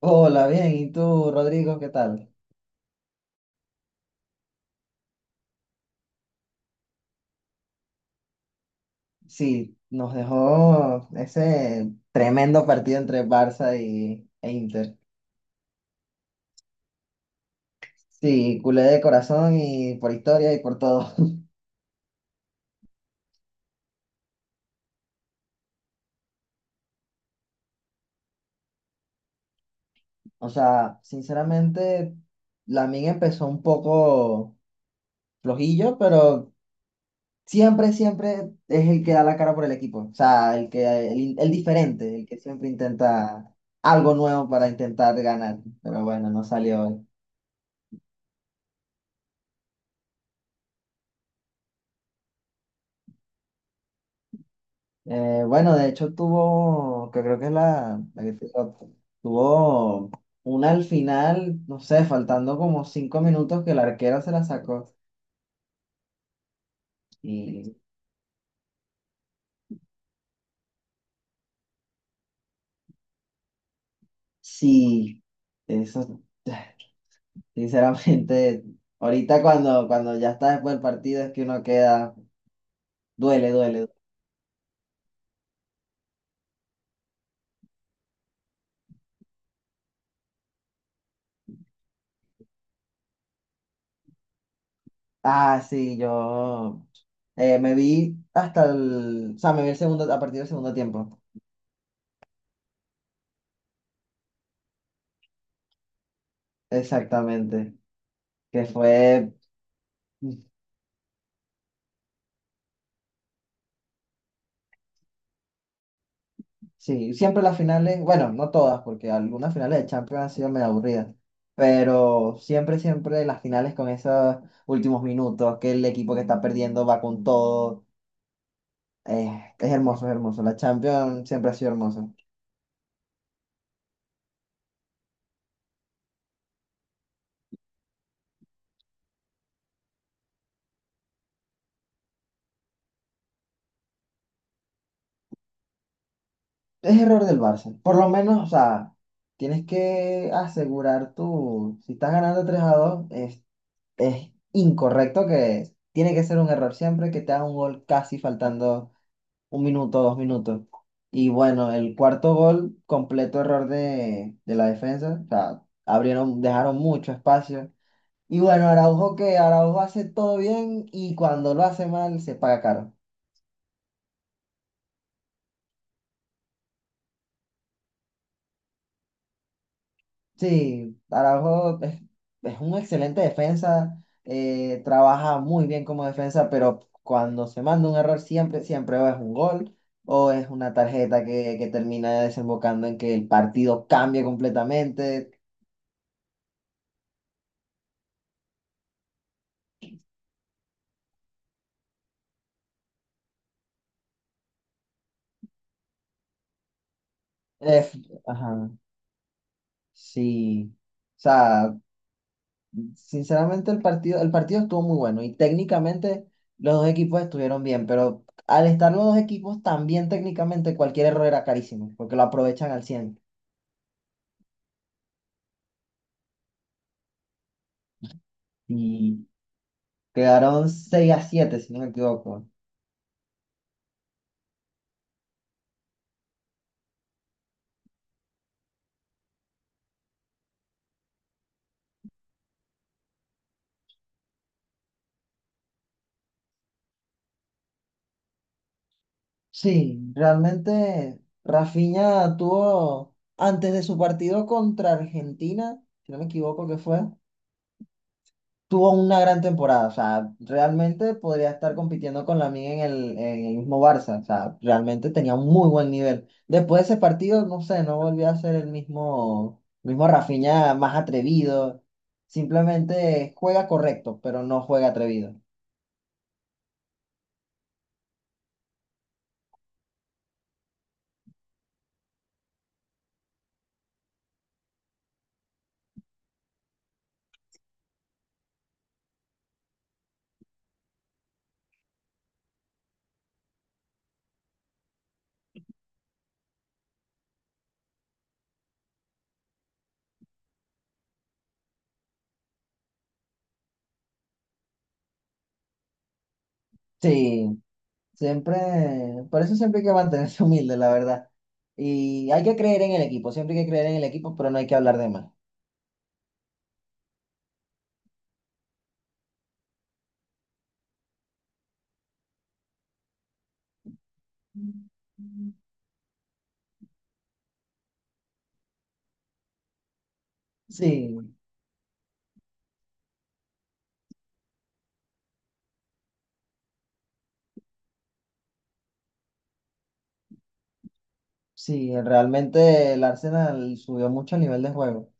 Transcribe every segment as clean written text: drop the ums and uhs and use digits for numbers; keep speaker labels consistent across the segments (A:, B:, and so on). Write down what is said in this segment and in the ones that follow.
A: Hola, bien. ¿Y tú, Rodrigo, qué tal? Sí, nos dejó ese tremendo partido entre Barça e Inter. Sí, culé de corazón y por historia y por todo. O sea, sinceramente, Lamine empezó un poco flojillo, pero siempre es el que da la cara por el equipo. O sea, el diferente, el que siempre intenta algo nuevo para intentar ganar. Pero bueno, no salió hoy. Bueno, de hecho tuvo, que creo que es la tuvo una al final, no sé, faltando como cinco minutos que la arquera se la sacó. Y sí, eso, sinceramente, ahorita cuando ya está después del partido es que uno queda, duele, duele. Ah, sí, yo me vi hasta el, o sea, me vi el segundo, a partir del segundo tiempo, exactamente, que fue... Sí, siempre las finales, bueno, no todas, porque algunas finales de Champions han sido medio aburridas, pero siempre las finales con esos últimos minutos, que el equipo que está perdiendo va con todo. Es hermoso, es hermoso. La Champions siempre ha sido hermosa. Es error del Barça. Por lo menos, o sea, tienes que asegurar tú, si estás ganando 3 a 2, es incorrecto que tiene que ser un error siempre que te haga un gol casi faltando un minuto, dos minutos. Y bueno, el cuarto gol, completo error de la defensa. O sea, abrieron, dejaron mucho espacio. Y bueno, Araujo hace todo bien y cuando lo hace mal se paga caro. Sí, Araujo es un excelente defensa, trabaja muy bien como defensa, pero cuando se manda un error siempre, siempre o es un gol o es una tarjeta que termina desembocando en que el partido cambie completamente. Es- ajá. Sí, o sea, sinceramente el partido estuvo muy bueno y técnicamente los dos equipos estuvieron bien, pero al estar los dos equipos también técnicamente cualquier error era carísimo, porque lo aprovechan al cien y quedaron 6 a 7 si no me equivoco. Sí, realmente Rafinha tuvo antes de su partido contra Argentina, si no me equivoco que fue. Tuvo una gran temporada, o sea, realmente podría estar compitiendo con la en el mismo Barça, o sea, realmente tenía un muy buen nivel. Después de ese partido, no sé, no volvió a ser el mismo Rafinha más atrevido, simplemente juega correcto, pero no juega atrevido. Sí, siempre, por eso siempre hay que mantenerse humilde, la verdad. Y hay que creer en el equipo, siempre hay que creer en el equipo, pero no hay que hablar de más. Sí, sí, realmente el Arsenal subió mucho el nivel de juego.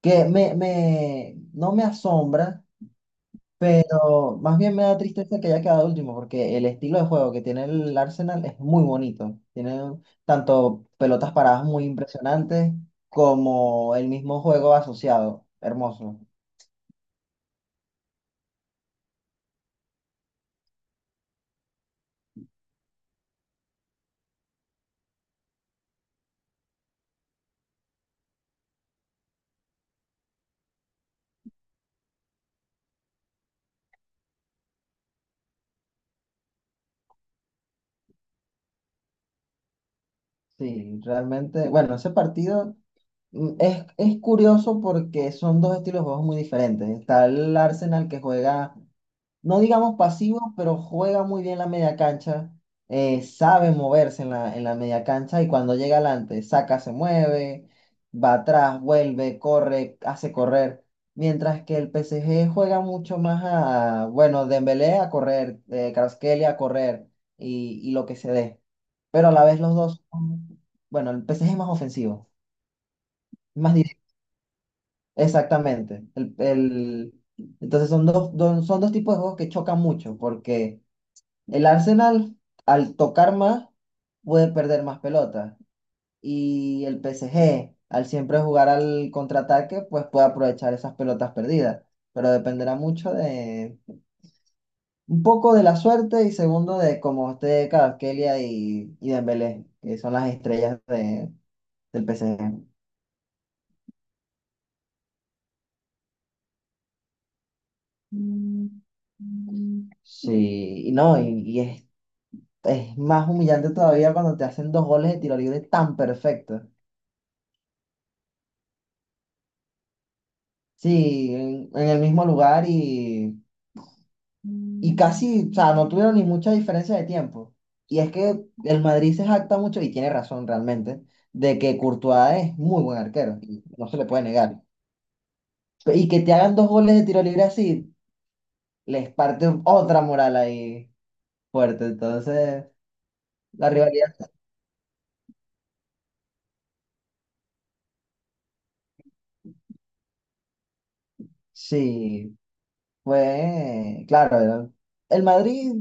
A: Que no me asombra, pero más bien me da tristeza que haya quedado último, porque el estilo de juego que tiene el Arsenal es muy bonito. Tiene tanto pelotas paradas muy impresionantes como el mismo juego asociado. Hermoso. Sí, realmente, bueno, ese partido es curioso porque son dos estilos de juegos muy diferentes. Está el Arsenal que juega no digamos pasivo, pero juega muy bien la media cancha, sabe moverse en la media cancha y cuando llega adelante, saca, se mueve, va atrás, vuelve, corre, hace correr. Mientras que el PSG juega mucho más a, bueno, Dembélé a correr, Kvaratskhelia a correr y lo que se dé. Pero a la vez bueno, el PSG es más ofensivo, más directo. Exactamente. Entonces son son dos tipos de juegos que chocan mucho porque el Arsenal, al tocar más, puede perder más pelotas. Y el PSG, al siempre jugar al contraataque, pues puede aprovechar esas pelotas perdidas. Pero dependerá mucho de un poco de la suerte y segundo de cómo esté Kvaratskhelia y Dembélé, que son las estrellas del PSG. Mm. Sí, y no, y es es más humillante todavía cuando te hacen dos goles de tiro libre tan perfectos. Sí, en el mismo lugar y Y casi, o sea, no tuvieron ni mucha diferencia de tiempo. Y es que el Madrid se jacta mucho, y tiene razón realmente, de que Courtois es muy buen arquero, y no se le puede negar. Y que te hagan dos goles de tiro libre así, les parte otra moral ahí fuerte. Entonces, la rivalidad, sí. Fue, claro, el Madrid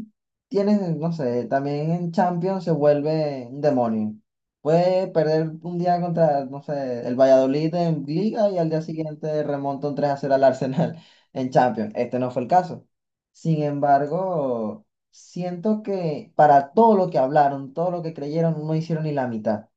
A: tiene, no sé, también en Champions se vuelve un demonio. Puede perder un día contra, no sé, el Valladolid en Liga y al día siguiente remonta un 3 a cero al Arsenal en Champions. Este no fue el caso. Sin embargo, siento que para todo lo que hablaron, todo lo que creyeron, no hicieron ni la mitad.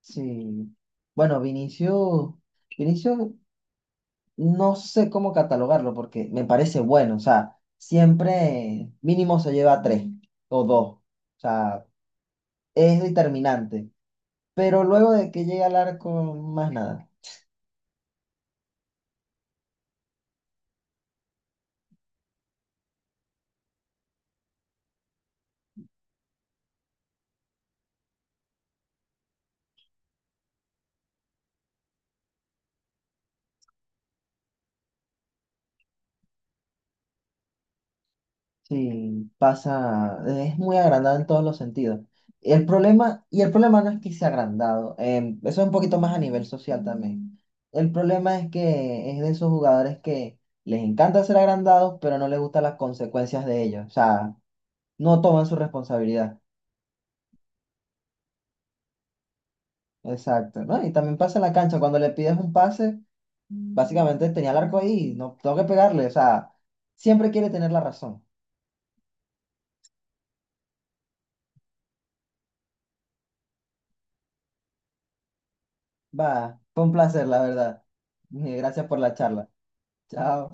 A: Sí. Bueno, Vinicius no sé cómo catalogarlo porque me parece bueno. O sea, siempre mínimo se lleva tres o dos. O sea, es determinante. Pero luego de que llega al arco, más nada. Sí, pasa, es muy agrandado en todos los sentidos. El problema no es que sea agrandado, eso es un poquito más a nivel social también. El problema es que es de esos jugadores que les encanta ser agrandados, pero no les gustan las consecuencias de ello. O sea, no toman su responsabilidad. Exacto, ¿no? Y también pasa en la cancha, cuando le pides un pase, básicamente tenía el arco ahí, no tengo que pegarle, o sea, siempre quiere tener la razón. Va, fue un placer, la verdad. Gracias por la charla. Chao.